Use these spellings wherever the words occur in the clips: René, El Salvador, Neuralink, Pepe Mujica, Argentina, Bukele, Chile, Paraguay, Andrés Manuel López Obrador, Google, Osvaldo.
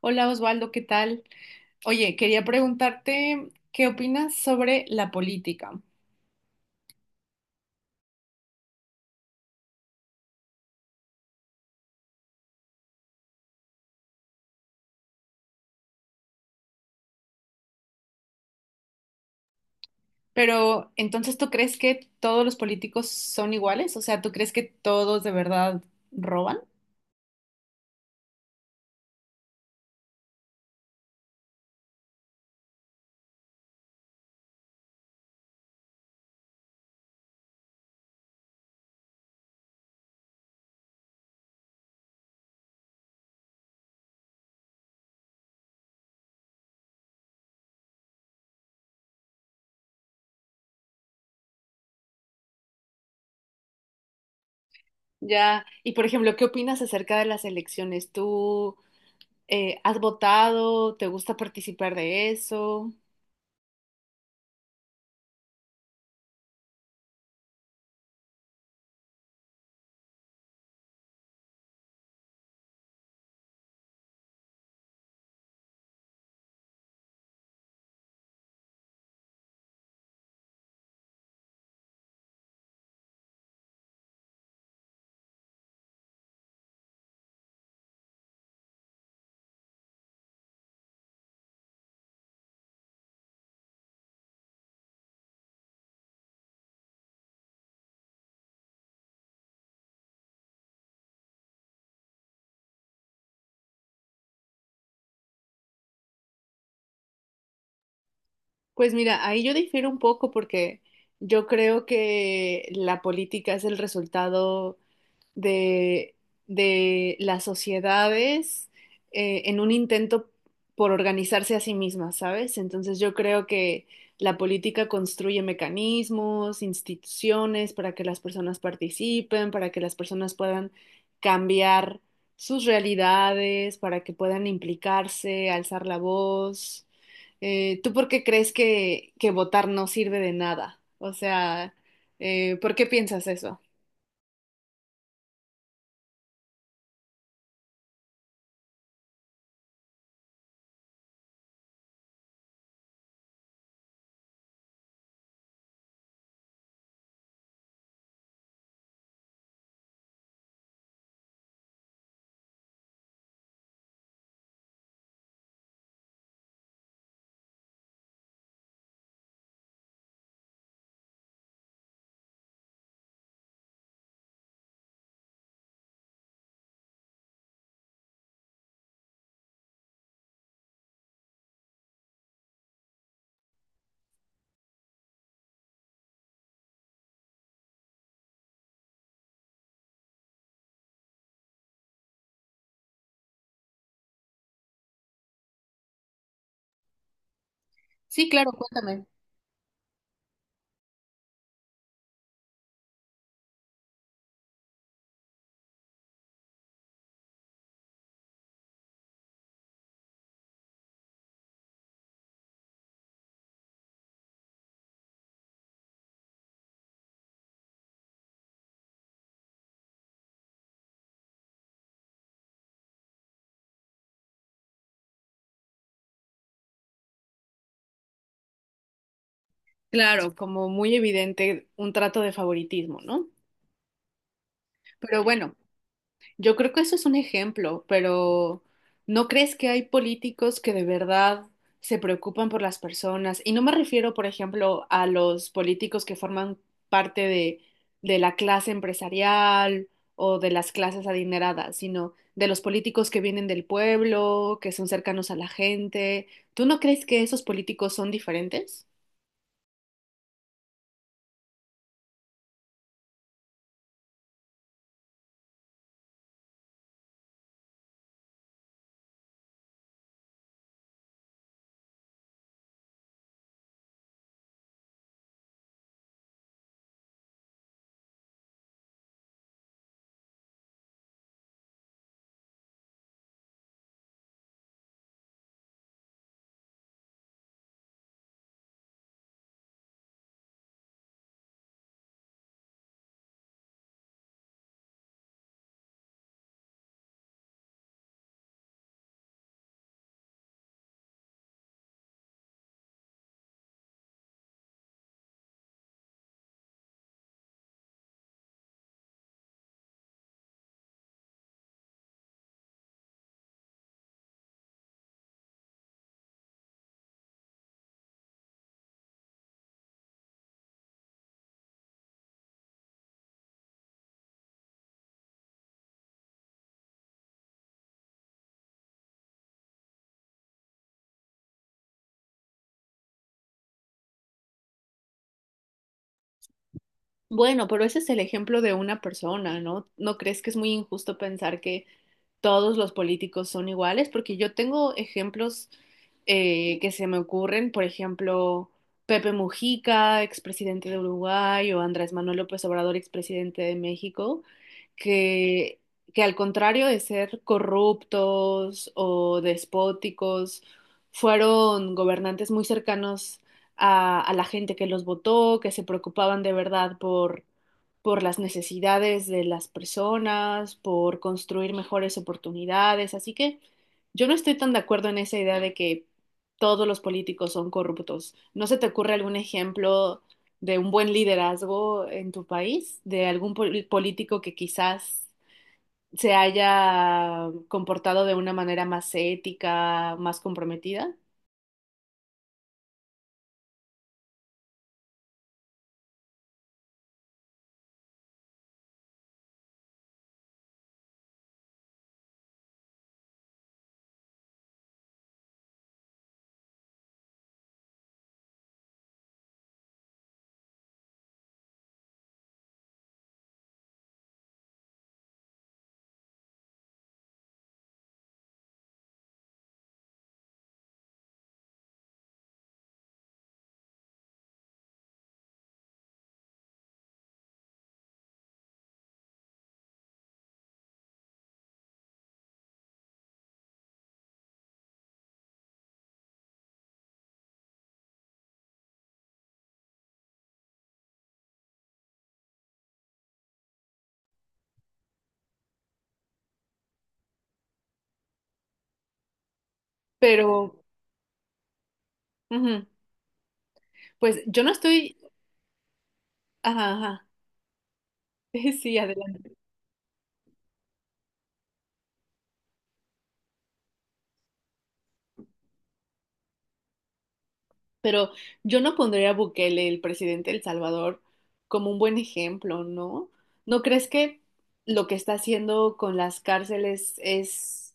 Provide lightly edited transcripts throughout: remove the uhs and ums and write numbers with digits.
Hola Osvaldo, ¿qué tal? Oye, quería preguntarte qué opinas sobre la política. Pero entonces, ¿tú crees que todos los políticos son iguales? O sea, ¿tú crees que todos de verdad roban? Ya. Y por ejemplo, ¿qué opinas acerca de las elecciones? ¿Tú has votado? ¿Te gusta participar de eso? Pues mira, ahí yo difiero un poco porque yo creo que la política es el resultado de, de las sociedades en un intento por organizarse a sí mismas, ¿sabes? Entonces yo creo que la política construye mecanismos, instituciones para que las personas participen, para que las personas puedan cambiar sus realidades, para que puedan implicarse, alzar la voz. ¿Tú por qué crees que votar no sirve de nada? O sea, ¿por qué piensas eso? Sí, claro, cuéntame. Claro, como muy evidente un trato de favoritismo, ¿no? Pero bueno, yo creo que eso es un ejemplo, pero ¿no crees que hay políticos que de verdad se preocupan por las personas? Y no me refiero, por ejemplo, a los políticos que forman parte de la clase empresarial o de las clases adineradas, sino de los políticos que vienen del pueblo, que son cercanos a la gente. ¿Tú no crees que esos políticos son diferentes? Bueno, pero ese es el ejemplo de una persona, ¿no? ¿No crees que es muy injusto pensar que todos los políticos son iguales, porque yo tengo ejemplos que se me ocurren, por ejemplo, Pepe Mujica, expresidente de Uruguay, o Andrés Manuel López Obrador, expresidente de México, que, que al contrario de ser corruptos o despóticos, fueron gobernantes muy cercanos a la gente que los votó, que se preocupaban de verdad por las necesidades de las personas, por construir mejores oportunidades. Así que yo no estoy tan de acuerdo en esa idea de que todos los políticos son corruptos. ¿No se te ocurre algún ejemplo de un buen liderazgo en tu país, de algún político que quizás se haya comportado de una manera más ética, más comprometida? Pero, ujú, pues yo no estoy... Ajá, ajá. Sí, adelante. Pero yo no pondría a Bukele, el presidente de El Salvador, como un buen ejemplo, ¿no? ¿No crees que lo que está haciendo con las cárceles es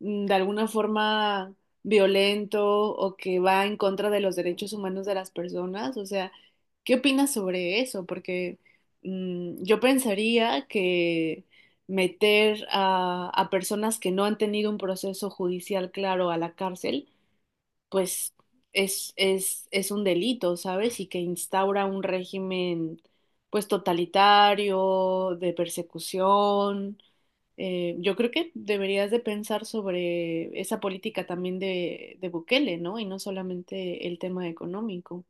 mm, de alguna forma violento o que va en contra de los derechos humanos de las personas? O sea, ¿qué opinas sobre eso? Porque mm, yo pensaría que meter a personas que no han tenido un proceso judicial claro a la cárcel pues es un delito, ¿sabes? Y que instaura un régimen, pues totalitario, de persecución. Yo creo que deberías de pensar sobre esa política también de Bukele, ¿no? Y no solamente el tema económico.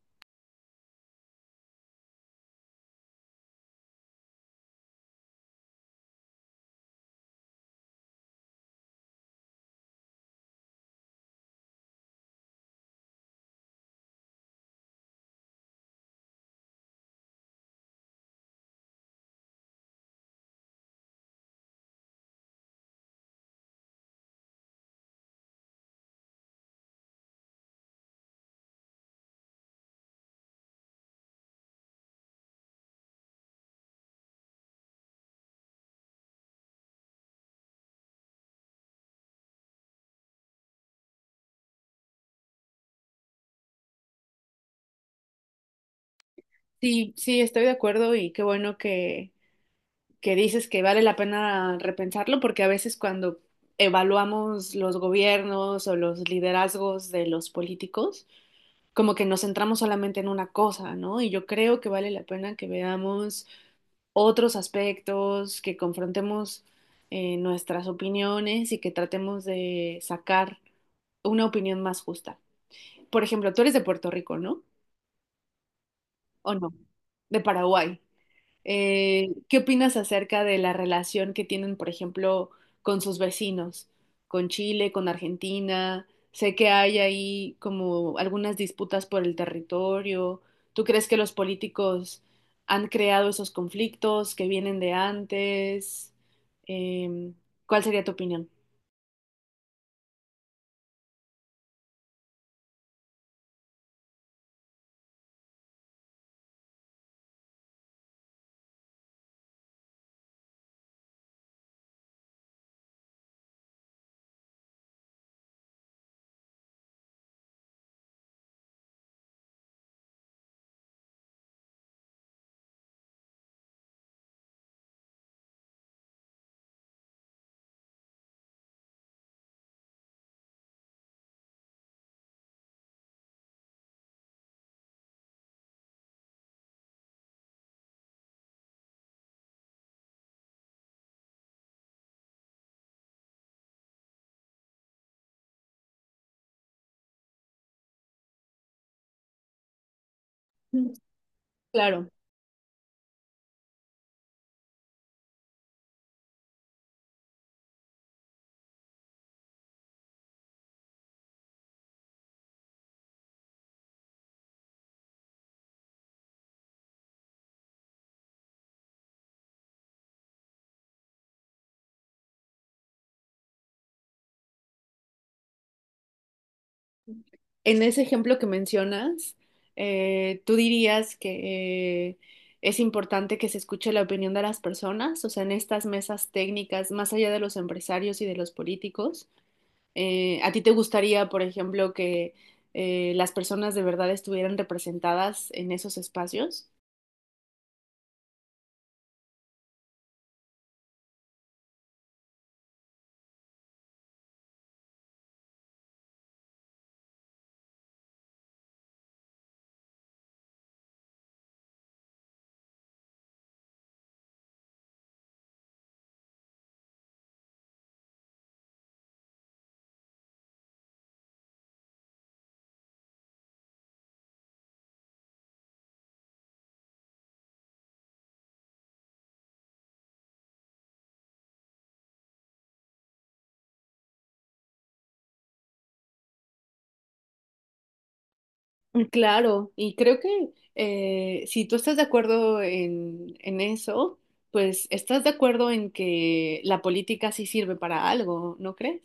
Sí, sí, estoy de acuerdo y qué bueno que dices que vale la pena repensarlo porque a veces cuando evaluamos los gobiernos o los liderazgos de los políticos, como que nos centramos solamente en una cosa, ¿no? Y yo creo que vale la pena que veamos otros aspectos, que confrontemos nuestras opiniones y que tratemos de sacar una opinión más justa. Por ejemplo, tú eres de Puerto Rico, ¿no? ¿O no? De Paraguay. ¿Qué opinas acerca de la relación que tienen, por ejemplo, con sus vecinos, con Chile, con Argentina? Sé que hay ahí como algunas disputas por el territorio. ¿Tú crees que los políticos han creado esos conflictos que vienen de antes? Em, ¿cuál sería tu opinión? Mm. Claro. En ese ejemplo que mencionas, ¿tú dirías que es importante que se escuche la opinión de las personas? O sea, en estas mesas técnicas, más allá de los empresarios y de los políticos, ¿a ti te gustaría, por ejemplo, que las personas de verdad estuvieran representadas en esos espacios? Mm, claro, y creo que si tú estás de acuerdo en eso, pues estás de acuerdo en que la política sí sirve para algo, ¿no crees?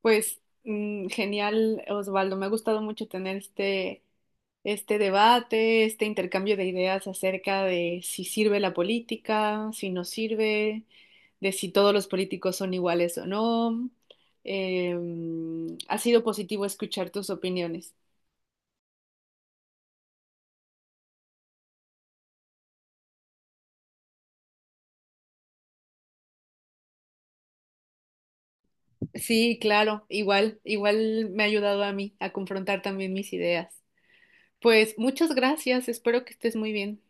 Pues mm, genial, Osvaldo. Me ha gustado mucho tener este, este debate, este intercambio de ideas acerca de si sirve la política, si no sirve, de si todos los políticos son iguales o no. Em, ha sido positivo escuchar tus opiniones. Sí, claro, igual, igual me ha ayudado a mí a confrontar también mis ideas. Pues muchas gracias, espero que estés muy bien.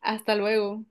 Hasta luego.